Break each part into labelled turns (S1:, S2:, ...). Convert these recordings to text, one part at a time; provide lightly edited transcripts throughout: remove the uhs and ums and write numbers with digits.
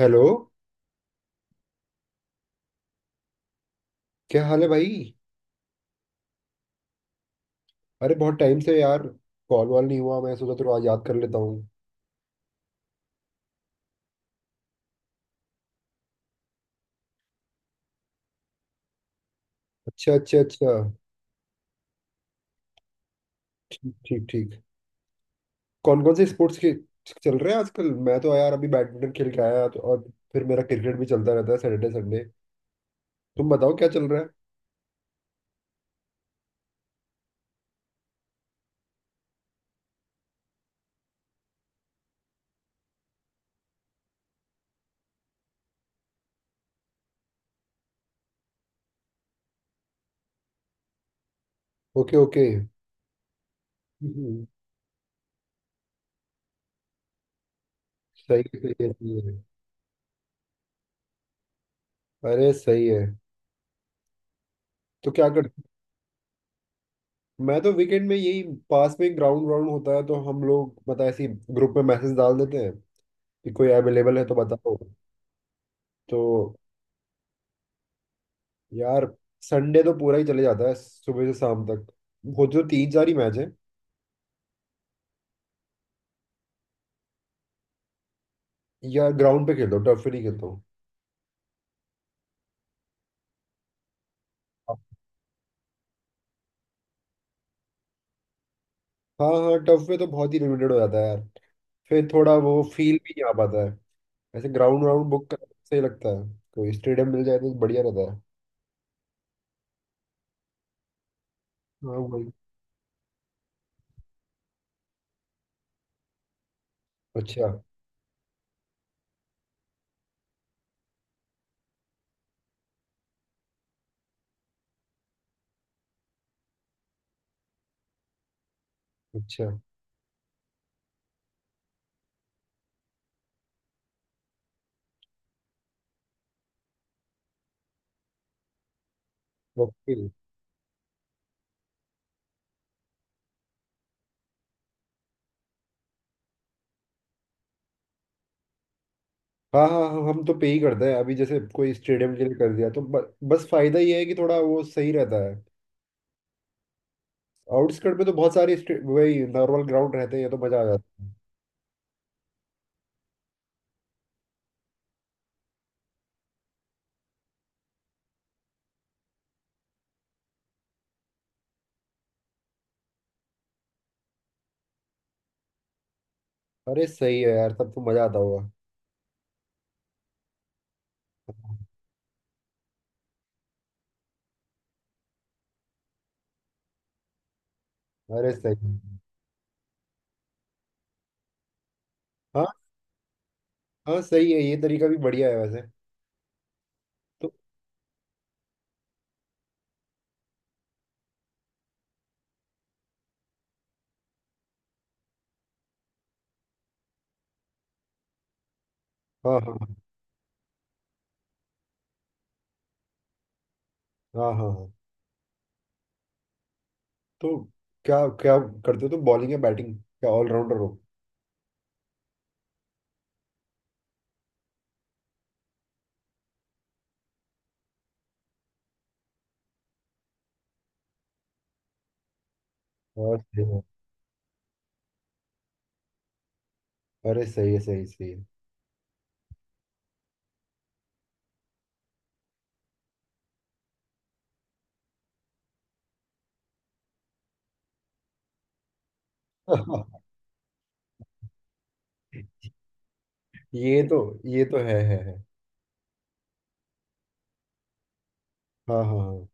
S1: Hello. क्या हाल है भाई? अरे बहुत टाइम से यार, कॉल वॉल नहीं हुआ। मैं सोचा थोड़ा याद कर लेता हूँ। अच्छा अच्छा अच्छा। ठीक ठीक ठीक। कौन कौन से स्पोर्ट्स के चल रहे हैं आजकल? मैं तो यार अभी बैडमिंटन खेल के आया, तो। और फिर मेरा क्रिकेट भी चलता रहता है, सैटरडे संडे। तुम बताओ क्या चल रहा है। Okay okay. हम्म, सही है सही है सही है। अरे सही है। तो क्या कर, मैं तो वीकेंड में यही, पास में ग्राउंड ग्राउंड होता है, तो हम लोग, पता है, ऐसी ग्रुप में मैसेज डाल देते हैं कि कोई अवेलेबल है तो बताओ। तो यार, संडे तो पूरा ही चले जाता है, सुबह से शाम तक। वो जो तीन चार ही मैच है। यार, ग्राउंड पे खेलता हूँ, टर्फ पे नहीं खेलता हूँ। हाँ हाँ, टर्फ पे तो बहुत ही लिमिटेड हो जाता है यार। फिर थोड़ा वो फील भी नहीं आ पाता है। ऐसे ग्राउंड वाउंड बुक कर सही लगता है। कोई स्टेडियम मिल जाए तो बढ़िया रहता है। हाँ वही। अच्छा अच्छा। ओके। हाँ हाँ हाँ, हम तो पे ही करते हैं। अभी जैसे कोई स्टेडियम के लिए कर दिया, तो बस फायदा ये है कि थोड़ा वो सही रहता है। आउटस्कर्ट में तो बहुत सारे वही नॉर्मल ग्राउंड रहते हैं, ये तो मजा आ जाता है। अरे सही है यार, तब तो मजा आता होगा। अरे सही है। हाँ हाँ, सही है, ये तरीका भी बढ़िया है वैसे तो। हाँ हाँ हाँ हाँ हाँ। तो क्या क्या करते हो तुम, बॉलिंग या बैटिंग, क्या ऑलराउंडर हो? और सही है। अरे सही है, सही सही है। ये तो, ये तो है है। हाँ हाँ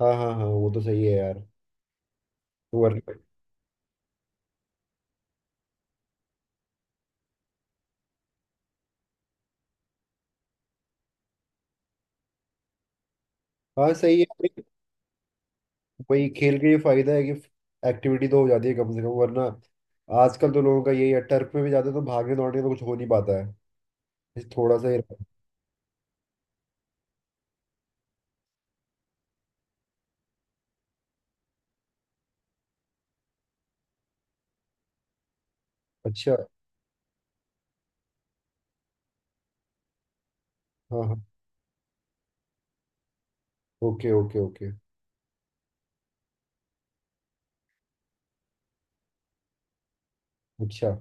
S1: हाँ हाँ हाँ हाँ, वो तो सही है यार। वरना, हाँ सही है। अरे, वही खेल के ये फायदा है कि एक्टिविटी तो हो जाती है कम से कम। वरना आजकल तो लोगों का यही है, टर्फ पे भी जाते हैं तो भागने दौड़ने का तो कुछ हो नहीं पाता है, बस थोड़ा सा ही। अच्छा। हाँ हाँ। Okay okay okay. अच्छा।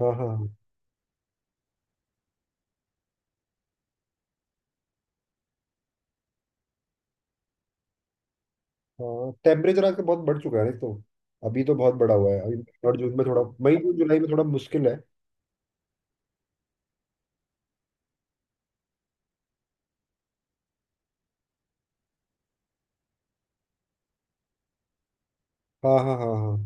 S1: हाँ हाँ हाँ, टेम्परेचर आजकल बहुत बढ़ चुका है ना तो। अभी तो बहुत बड़ा हुआ है अभी। और जून में थोड़ा, मई जून जुलाई में थोड़ा मुश्किल है। हाँ हाँ हाँ हाँ।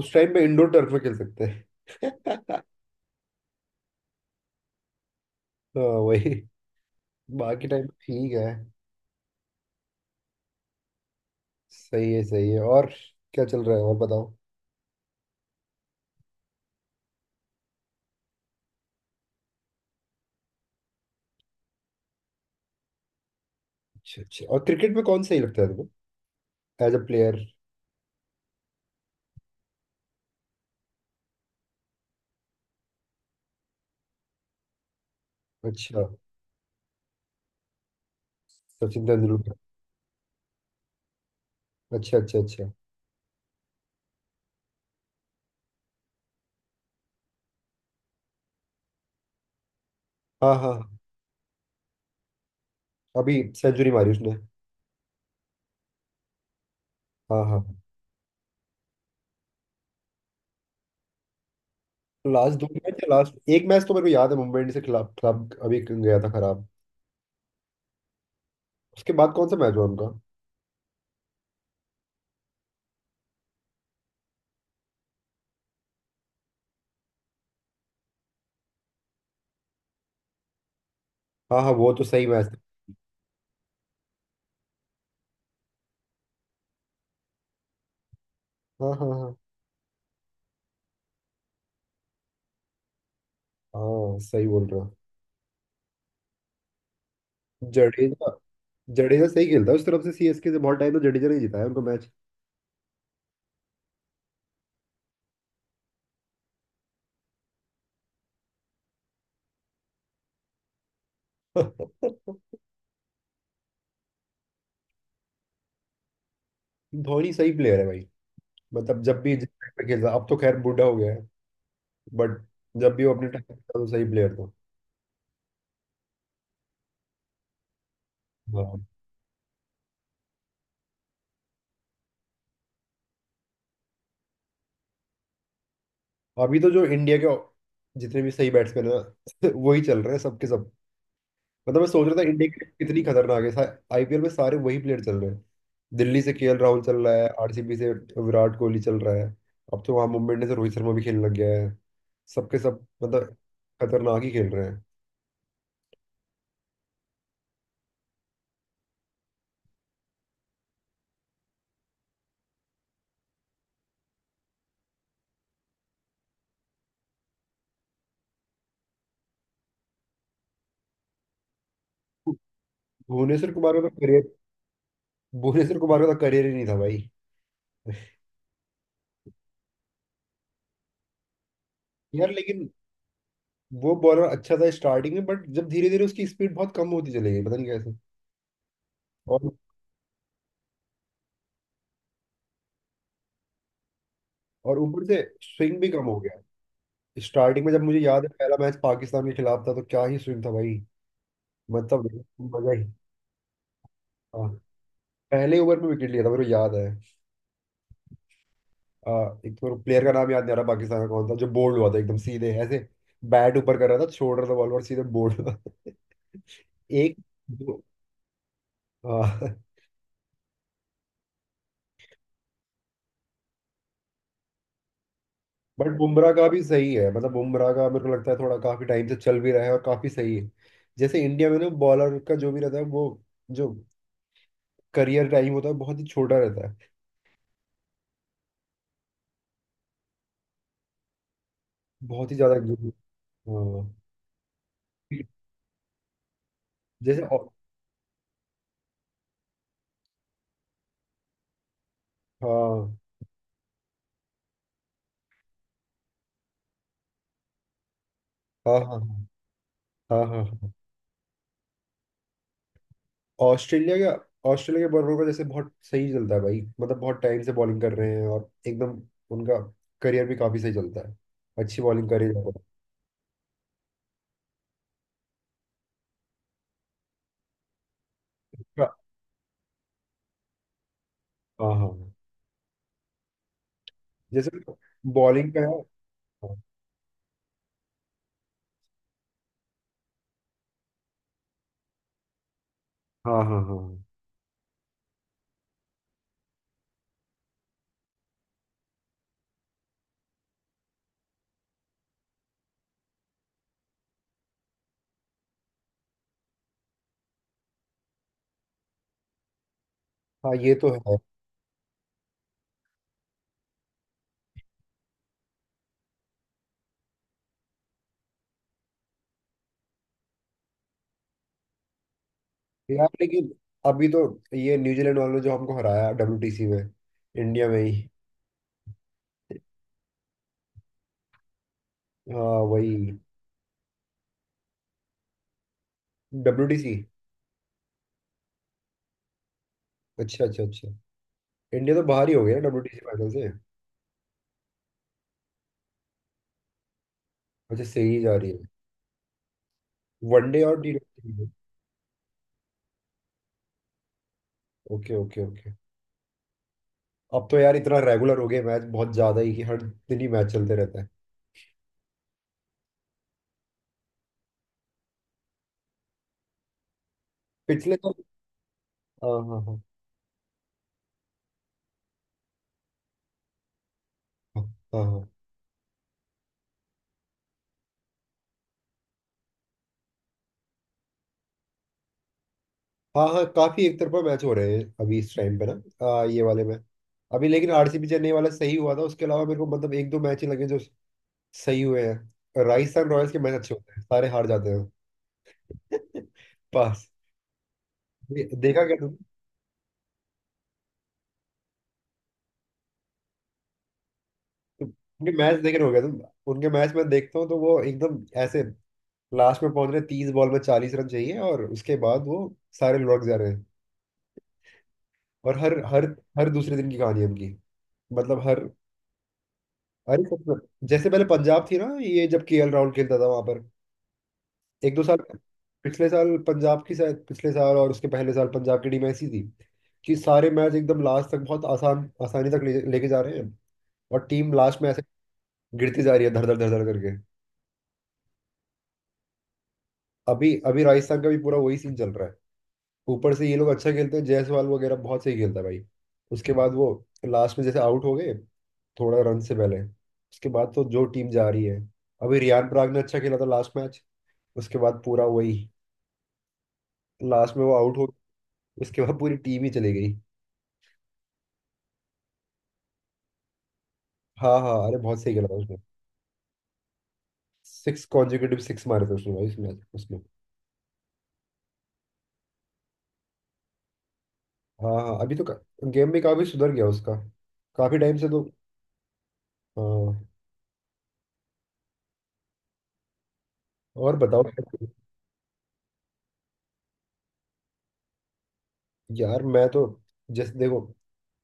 S1: उस टाइम पे इंडोर टर्फ में खेल सकते हैं। हाँ वही, बाकी टाइम ठीक है। सही है सही है। और क्या चल रहा है, और बताओ? अच्छा अच्छा। और क्रिकेट में कौन सही लगता है तुम्हें, एज अ प्लेयर? अच्छा। सचिन तेंदुलकर। अच्छा अच्छा अच्छा। हाँ हाँ, अभी सेंचुरी मारी उसने। हाँ हाँ। लास्ट दो मैच या लास्ट एक मैच तो मेरे को याद है, मुंबई इंडियंस के खिलाफ खिलाफ अभी गया था खराब। उसके बाद कौन सा मैच हुआ उनका? हाँ हाँ, वो तो सही मैच था। हाँ हाँ हाँ, हाँ सही बोल रहा। जडेजा, जडेजा सही खेलता है उस तरफ से। सीएसके से बहुत टाइम तो जडेजा नहीं जीता है उनको मैच। धोनी सही प्लेयर है भाई। मतलब जब भी जिस टाइम पे खेलता, अब तो खैर बूढ़ा हो गया है। बट जब भी वो अपने टाइम पे था तो सही प्लेयर था। हाँ। अभी तो जो इंडिया के जितने भी सही बैट्समैन है वही चल रहे हैं सबके सब। मतलब मैं सोच रहा था इंडिया की टीम कितनी खतरनाक है। आईपीएल में सारे वही प्लेयर चल रहे हैं। दिल्ली से केएल राहुल चल रहा है, आरसीबी से विराट कोहली चल रहा है, अब तो वहां मुंबई इंडियंस से रोहित शर्मा भी खेलने लग गया है। सबके सब मतलब खतरनाक ही खेल रहे हैं। भुवनेश्वर कुमार का तो करियर भुवनेश्वर कुमार का तो करियर ही नहीं था भाई। यार लेकिन वो बॉलर अच्छा था स्टार्टिंग में, बट जब धीरे धीरे उसकी स्पीड बहुत कम होती चली गई, पता नहीं कैसे। और और ऊपर से स्विंग भी कम हो गया। स्टार्टिंग में जब मुझे याद है, पहला मैच पाकिस्तान के खिलाफ था तो क्या ही स्विंग था भाई। मतलब मजा ही, हाँ पहले ओवर में विकेट लिया था मेरे को याद है। आ, एक तो प्लेयर का नाम याद नहीं आ रहा पाकिस्तान का, कौन था जो बोल्ड हुआ था एकदम सीधे ऐसे। बैट ऊपर कर रहा था, छोड़ रहा था बॉल, और सीधे बोल्ड हुआ था। एक दो- हाँ, बट बुमराह का भी सही है, मतलब बुमराह का मेरे को लगता है थोड़ा काफी टाइम से चल भी रहा है और काफी सही है। जैसे इंडिया में ना बॉलर का जो भी रहता है वो जो करियर टाइम होता है बहुत ही छोटा रहता है, बहुत ही ज्यादा। हाँ। जैसे, हाँ हाँ हाँ हाँ हाँ हाँ हाँ हाँ। ऑस्ट्रेलिया का, ऑस्ट्रेलिया के बॉलरों का जैसे बहुत सही चलता है भाई। मतलब बहुत टाइम से बॉलिंग कर रहे हैं और एकदम, उनका करियर भी काफी सही चलता है, अच्छी बॉलिंग करी जाते हैं। हाँ हाँ हाँ। जैसे बॉलिंग का है। हाँ हाँ हाँ हाँ हाँ, ये तो है। यार लेकिन अभी तो ये न्यूजीलैंड वालों ने जो हमको हराया डब्ल्यूटीसी में, इंडिया में ही। हाँ वही। डब्ल्यूटीसी। अच्छा अच्छा अच्छा। इंडिया तो बाहर ही हो गया डब्ल्यूटीसी फाइनल से। अच्छा, सही जा रही है। वनडे और T twenty. Okay okay okay. अब तो यार इतना रेगुलर हो गया मैच, बहुत ज्यादा ही, कि हर दिन ही मैच चलते रहते हैं। पिछले तो, हाँ हाँ हाँ हाँ हाँ हाँ हाँ हाँ, काफी एक तरफा मैच हो रहे हैं अभी इस टाइम पे ना, ये वाले में। अभी लेकिन आरसीबी चेन्नई वाला सही हुआ था, उसके अलावा मेरे को मतलब एक दो मैच ही लगे जो सही हुए हैं। राजस्थान रॉयल्स के मैच अच्छे होते हैं, सारे हार जाते हैं। पास, ये देखा क्या तुम? तुम- उनके मैच देखे हो गया तुम? उनके मैच में देखता हूँ तो वो एकदम ऐसे लास्ट में पहुंच रहे, 30 बॉल में 40 रन चाहिए, और उसके बाद वो सारे लुढ़क जा रहे हैं। और हर हर हर दूसरे दिन की कहानी है उनकी, मतलब हर, अरे सच में, जैसे पहले पंजाब थी ना, ये जब केएल राहुल खेलता था वहां पर, एक दो साल, पिछले साल पंजाब की शायद, पिछले साल और उसके पहले साल पंजाब की टीम ऐसी थी कि सारे मैच एकदम लास्ट तक बहुत आसान आसानी तक लेके जा रहे हैं, और टीम लास्ट में ऐसे गिरती जा रही है धड़ धड़ धड़ धड़ करके। अभी अभी राजस्थान का भी पूरा वही सीन चल रहा है। ऊपर से ये लोग अच्छा खेलते हैं, जायसवाल वगैरह बहुत सही खेलता है भाई। उसके बाद वो लास्ट में जैसे आउट हो गए थोड़ा रन से पहले, उसके बाद तो जो टीम जा रही है। अभी रियान पराग ने अच्छा खेला था लास्ट मैच, उसके बाद पूरा वही लास्ट में वो आउट हो, उसके बाद पूरी टीम ही चली गई। हाँ हाँ, अरे बहुत सही खेला था उसने। सिक्स कॉन्जिक्यूटिव सिक्स मारे थे उसने भाई इस मैच उसमें। हाँ हाँ, अभी तो गेम में काफी सुधर गया उसका, काफी टाइम से तो। हाँ और बताओ। यार मैं तो जैसे देखो,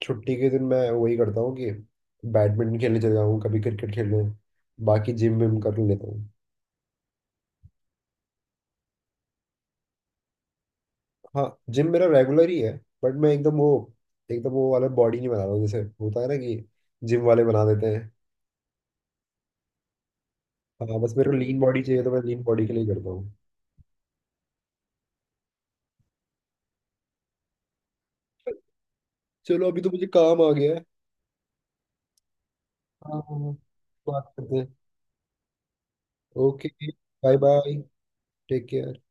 S1: छुट्टी के दिन मैं वही करता हूँ कि बैडमिंटन खेलने चले जाऊँ, कभी क्रिकेट खेलने, बाकी जिम विम कर लेता हूँ। हाँ, जिम मेरा रेगुलर ही है, बट मैं एकदम वो वाला बॉडी नहीं बना रहा हूँ, जैसे होता है ना कि जिम वाले बना देते हैं। हाँ, बस मेरे को लीन बॉडी चाहिए, तो मैं लीन बॉडी के लिए करता हूँ। चलो अभी तो मुझे काम आ गया है। हाँ हाँ हाँ, बात करते हैं। Okay. Bye bye. Take care.